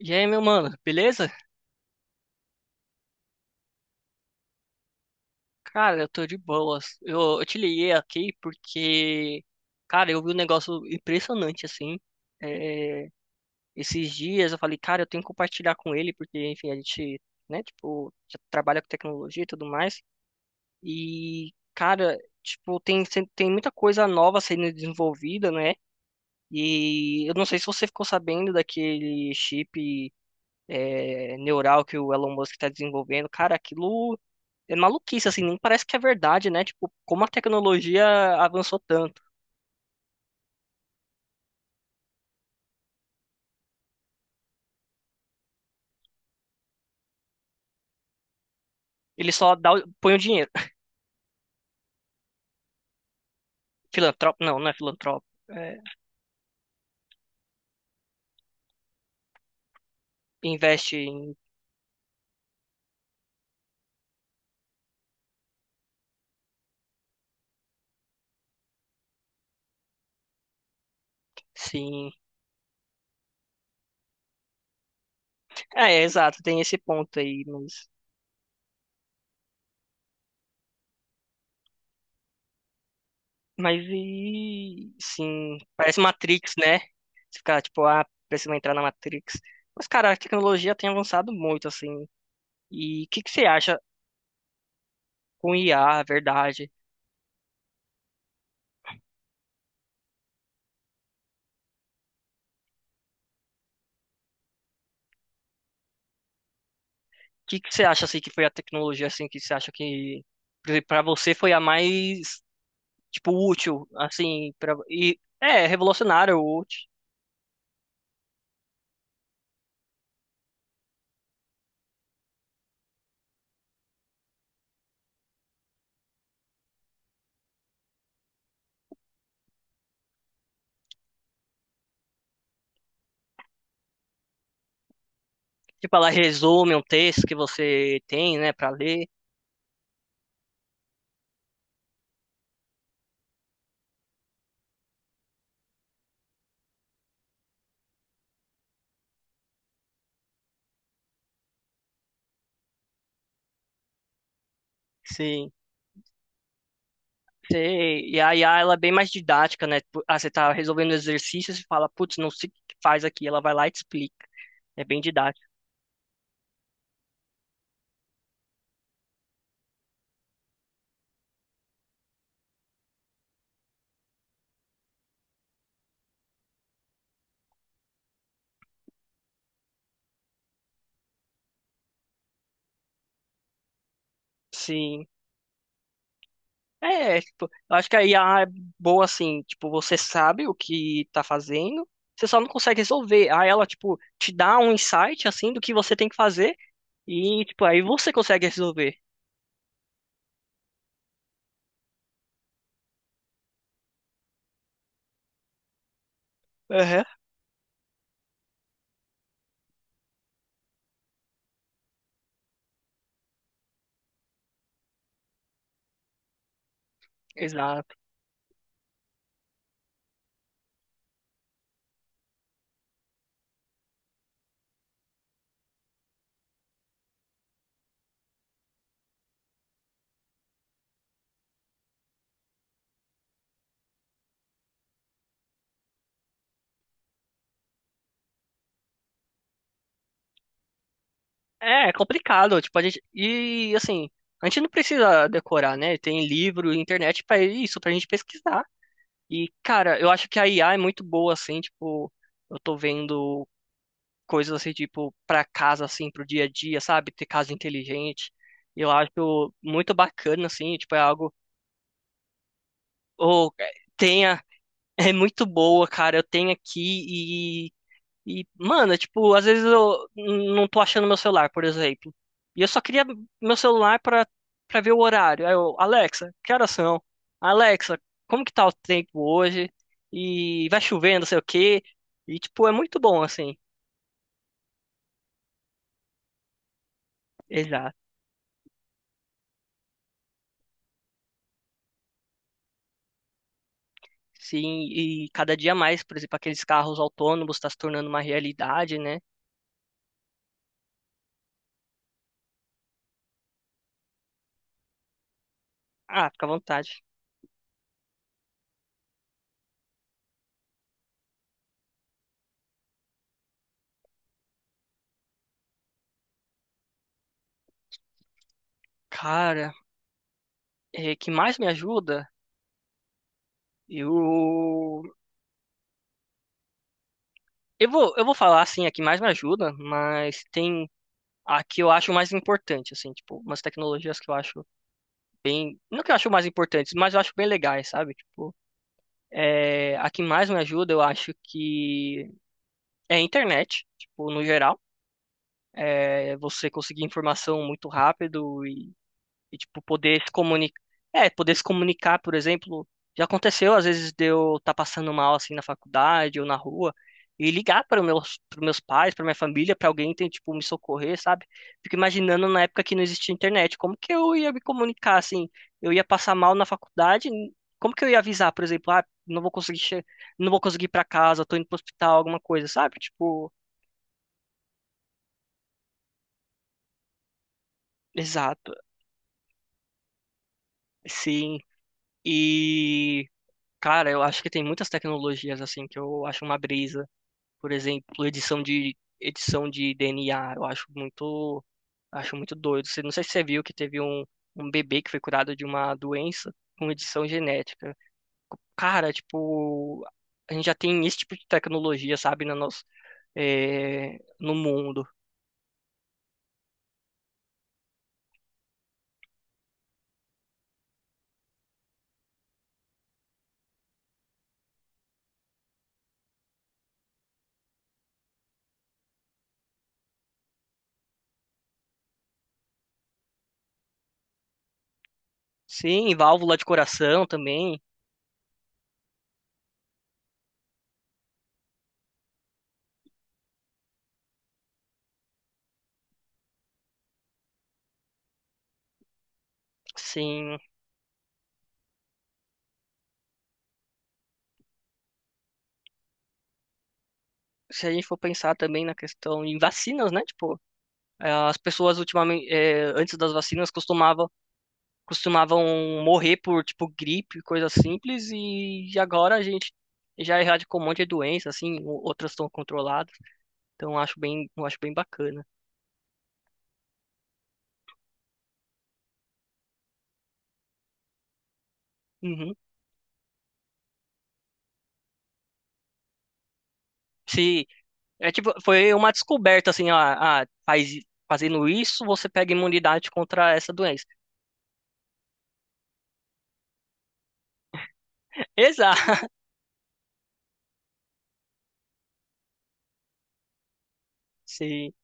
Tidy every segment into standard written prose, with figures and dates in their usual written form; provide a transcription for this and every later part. E aí, meu mano, beleza? Cara, eu tô de boas. Eu te liguei aqui porque, cara, eu vi um negócio impressionante assim. É, Esses dias eu falei, cara, eu tenho que compartilhar com ele, porque, enfim, a gente, né, tipo, já trabalha com tecnologia e tudo mais. E, cara, tipo, tem, sem- tem muita coisa nova sendo desenvolvida, né? E eu não sei se você ficou sabendo daquele chip, é, neural que o Elon Musk tá desenvolvendo. Cara, aquilo. É maluquice, assim, nem parece que é verdade, né? Tipo, como a tecnologia avançou tanto. Ele só dá, o- põe o dinheiro. Filantropo, não, não é filantropo. É, investe em, sim. É, é, exato, tem esse ponto aí, mas e, sim, parece Matrix, né? Você fica, tipo, ah, precisa entrar na Matrix. Mas, cara, a tecnologia tem avançado muito, assim. E o que que você acha com IA, a verdade? O que que você acha, assim, que foi a tecnologia, assim, que você acha que, para você foi a mais tipo, útil, assim, pra, e é revolucionário, útil. Tipo, ela resume um texto que você tem, né, pra ler. Sim. Sei. E a IA, ela é bem mais didática, né? Tipo, ah, você tá resolvendo exercícios e fala, putz, não sei o que faz aqui. Ela vai lá e te explica. É bem didático. Sim. É, tipo, eu acho que a IA é boa assim, tipo, você sabe o que tá fazendo, você só não consegue resolver. Aí ela, tipo, te dá um insight, assim, do que você tem que fazer e, tipo, aí você consegue resolver. Exato. É, é complicado, tipo, a gente, e assim, a gente não precisa decorar, né? Tem livro, internet pra isso, pra gente pesquisar. E, cara, eu acho que a IA é muito boa, assim, tipo, eu tô vendo coisas assim, tipo, pra casa, assim, pro dia a dia, sabe? Ter casa inteligente. Eu acho muito bacana, assim, tipo, é algo, ou é, tenha, é muito boa, cara, eu tenho aqui. E, mano, tipo, às vezes eu não tô achando meu celular, por exemplo. E eu só queria meu celular pra, pra ver o horário. Aí eu, Alexa, que horas são? Alexa, como que tá o tempo hoje? E vai chovendo, não sei o quê. E, tipo, é muito bom, assim. Exato. Sim, e cada dia mais, por exemplo, aqueles carros autônomos tá se tornando uma realidade, né? Ah, fica à vontade. Cara, é, que mais me ajuda? Eu, eu vou falar assim, a que mais me ajuda, mas tem a que eu acho mais importante, assim, tipo, umas tecnologias que eu acho bem, não que eu acho mais importantes, mas eu acho bem legais, sabe? Tipo, é, a que mais me ajuda, eu acho que é a internet, tipo, no geral, é você conseguir informação muito rápido e, tipo, poder se comunicar. É, poder se comunicar, por exemplo. Já aconteceu, às vezes, de eu estar passando mal, assim, na faculdade ou na rua, e ligar para os meus, para meus pais, para minha família, para alguém tem, tipo, me socorrer, sabe? Fico imaginando na época que não existia internet, como que eu ia me comunicar, assim? Eu ia passar mal na faculdade, como que eu ia avisar, por exemplo, ah, não vou conseguir ir para casa, tô indo pro hospital, alguma coisa, sabe? Tipo, exato, sim. E. Cara, eu acho que tem muitas tecnologias assim que eu acho uma brisa. Por exemplo, edição de DNA, eu acho muito doido. Você- não sei se você viu que teve um, um bebê que foi curado de uma doença com edição genética. Cara, tipo, a gente já tem esse tipo de tecnologia, sabe, na nossa, eh, no mundo. Sim, válvula de coração também. Sim, se a gente for pensar também na questão em vacinas, né? Tipo, eh, as pessoas ultimamente, eh, antes das vacinas, costumavam morrer por, tipo, gripe, coisa simples, e agora a gente já erradicou um monte de doença, assim, o- outras estão controladas, então eu acho bem bacana. Uhum. Se, é tipo, foi uma descoberta, assim, ah, ah, faz, fazendo isso, você pega imunidade contra essa doença. Exato! Se,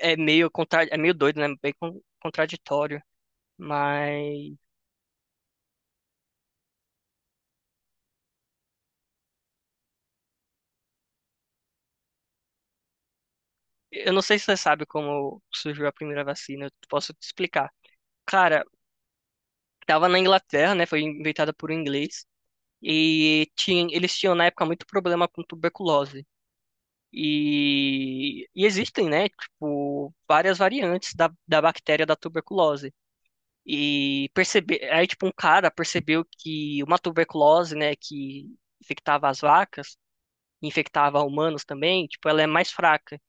é meio contra, é meio doido, né? Bem con- contraditório, mas eu não sei se você sabe como surgiu a primeira vacina, eu posso te explicar. Cara, tava na Inglaterra, né? Foi inventada por um inglês. E tinha, eles tinham na época muito problema com tuberculose. E existem, né? Tipo, várias variantes da, da bactéria da tuberculose. E percebe, aí, tipo, um cara percebeu que uma tuberculose, né, que infectava as vacas, infectava humanos também, tipo, ela é mais fraca.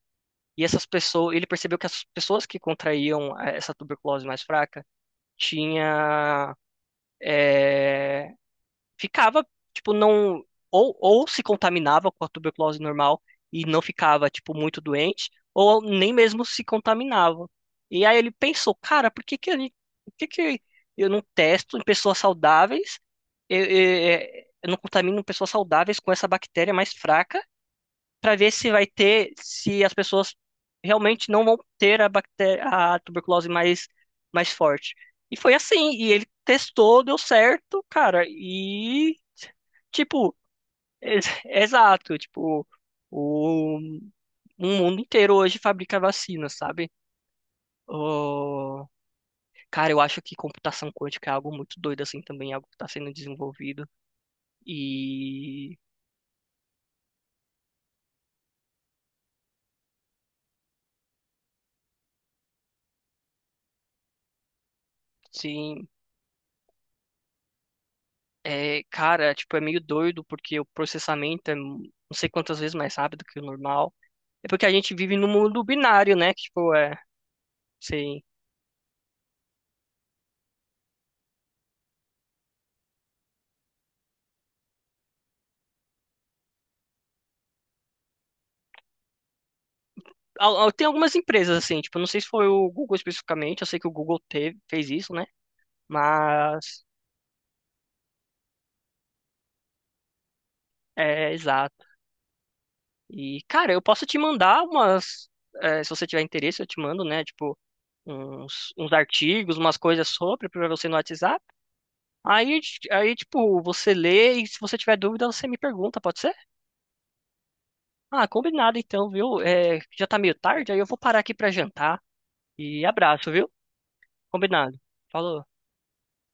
E essas pessoas, ele percebeu que as pessoas que contraíam eh, essa tuberculose mais fraca tinha eh, ficava, tipo, não. Ou se contaminava com a tuberculose normal e não ficava, tipo, muito doente, ou nem mesmo se contaminava. E aí ele pensou, cara, por que que, a gente, por que que eu não testo em pessoas saudáveis? Eu, eu, eu não contamino pessoas saudáveis com essa bactéria mais fraca para ver se vai ter, se as pessoas realmente não vão ter a bactéria, a tuberculose mais, mais forte. E foi assim, e ele testou, deu certo, cara, e tipo, ex- exato, tipo, o, o mundo inteiro hoje fabrica vacina, sabe? Oh, cara, eu acho que computação quântica é algo muito doido assim também, algo que está sendo desenvolvido. E sim, é, cara, tipo, é meio doido porque o processamento é não sei quantas vezes mais rápido que o normal. É porque a gente vive num mundo binário, né? Que, tipo, é, sei. Al- al- tem algumas empresas assim, tipo, não sei se foi o Google especificamente, eu sei que o Google teve, fez isso, né? Mas é exato. E, cara, eu posso te mandar umas, é, se você tiver interesse, eu te mando, né? Tipo, uns, uns artigos, umas coisas sobre pra você no WhatsApp. Aí, aí, tipo, você lê e se você tiver dúvida, você me pergunta, pode ser? Ah, combinado então, viu? É, já tá meio tarde, aí eu vou parar aqui pra jantar. E abraço, viu? Combinado. Falou.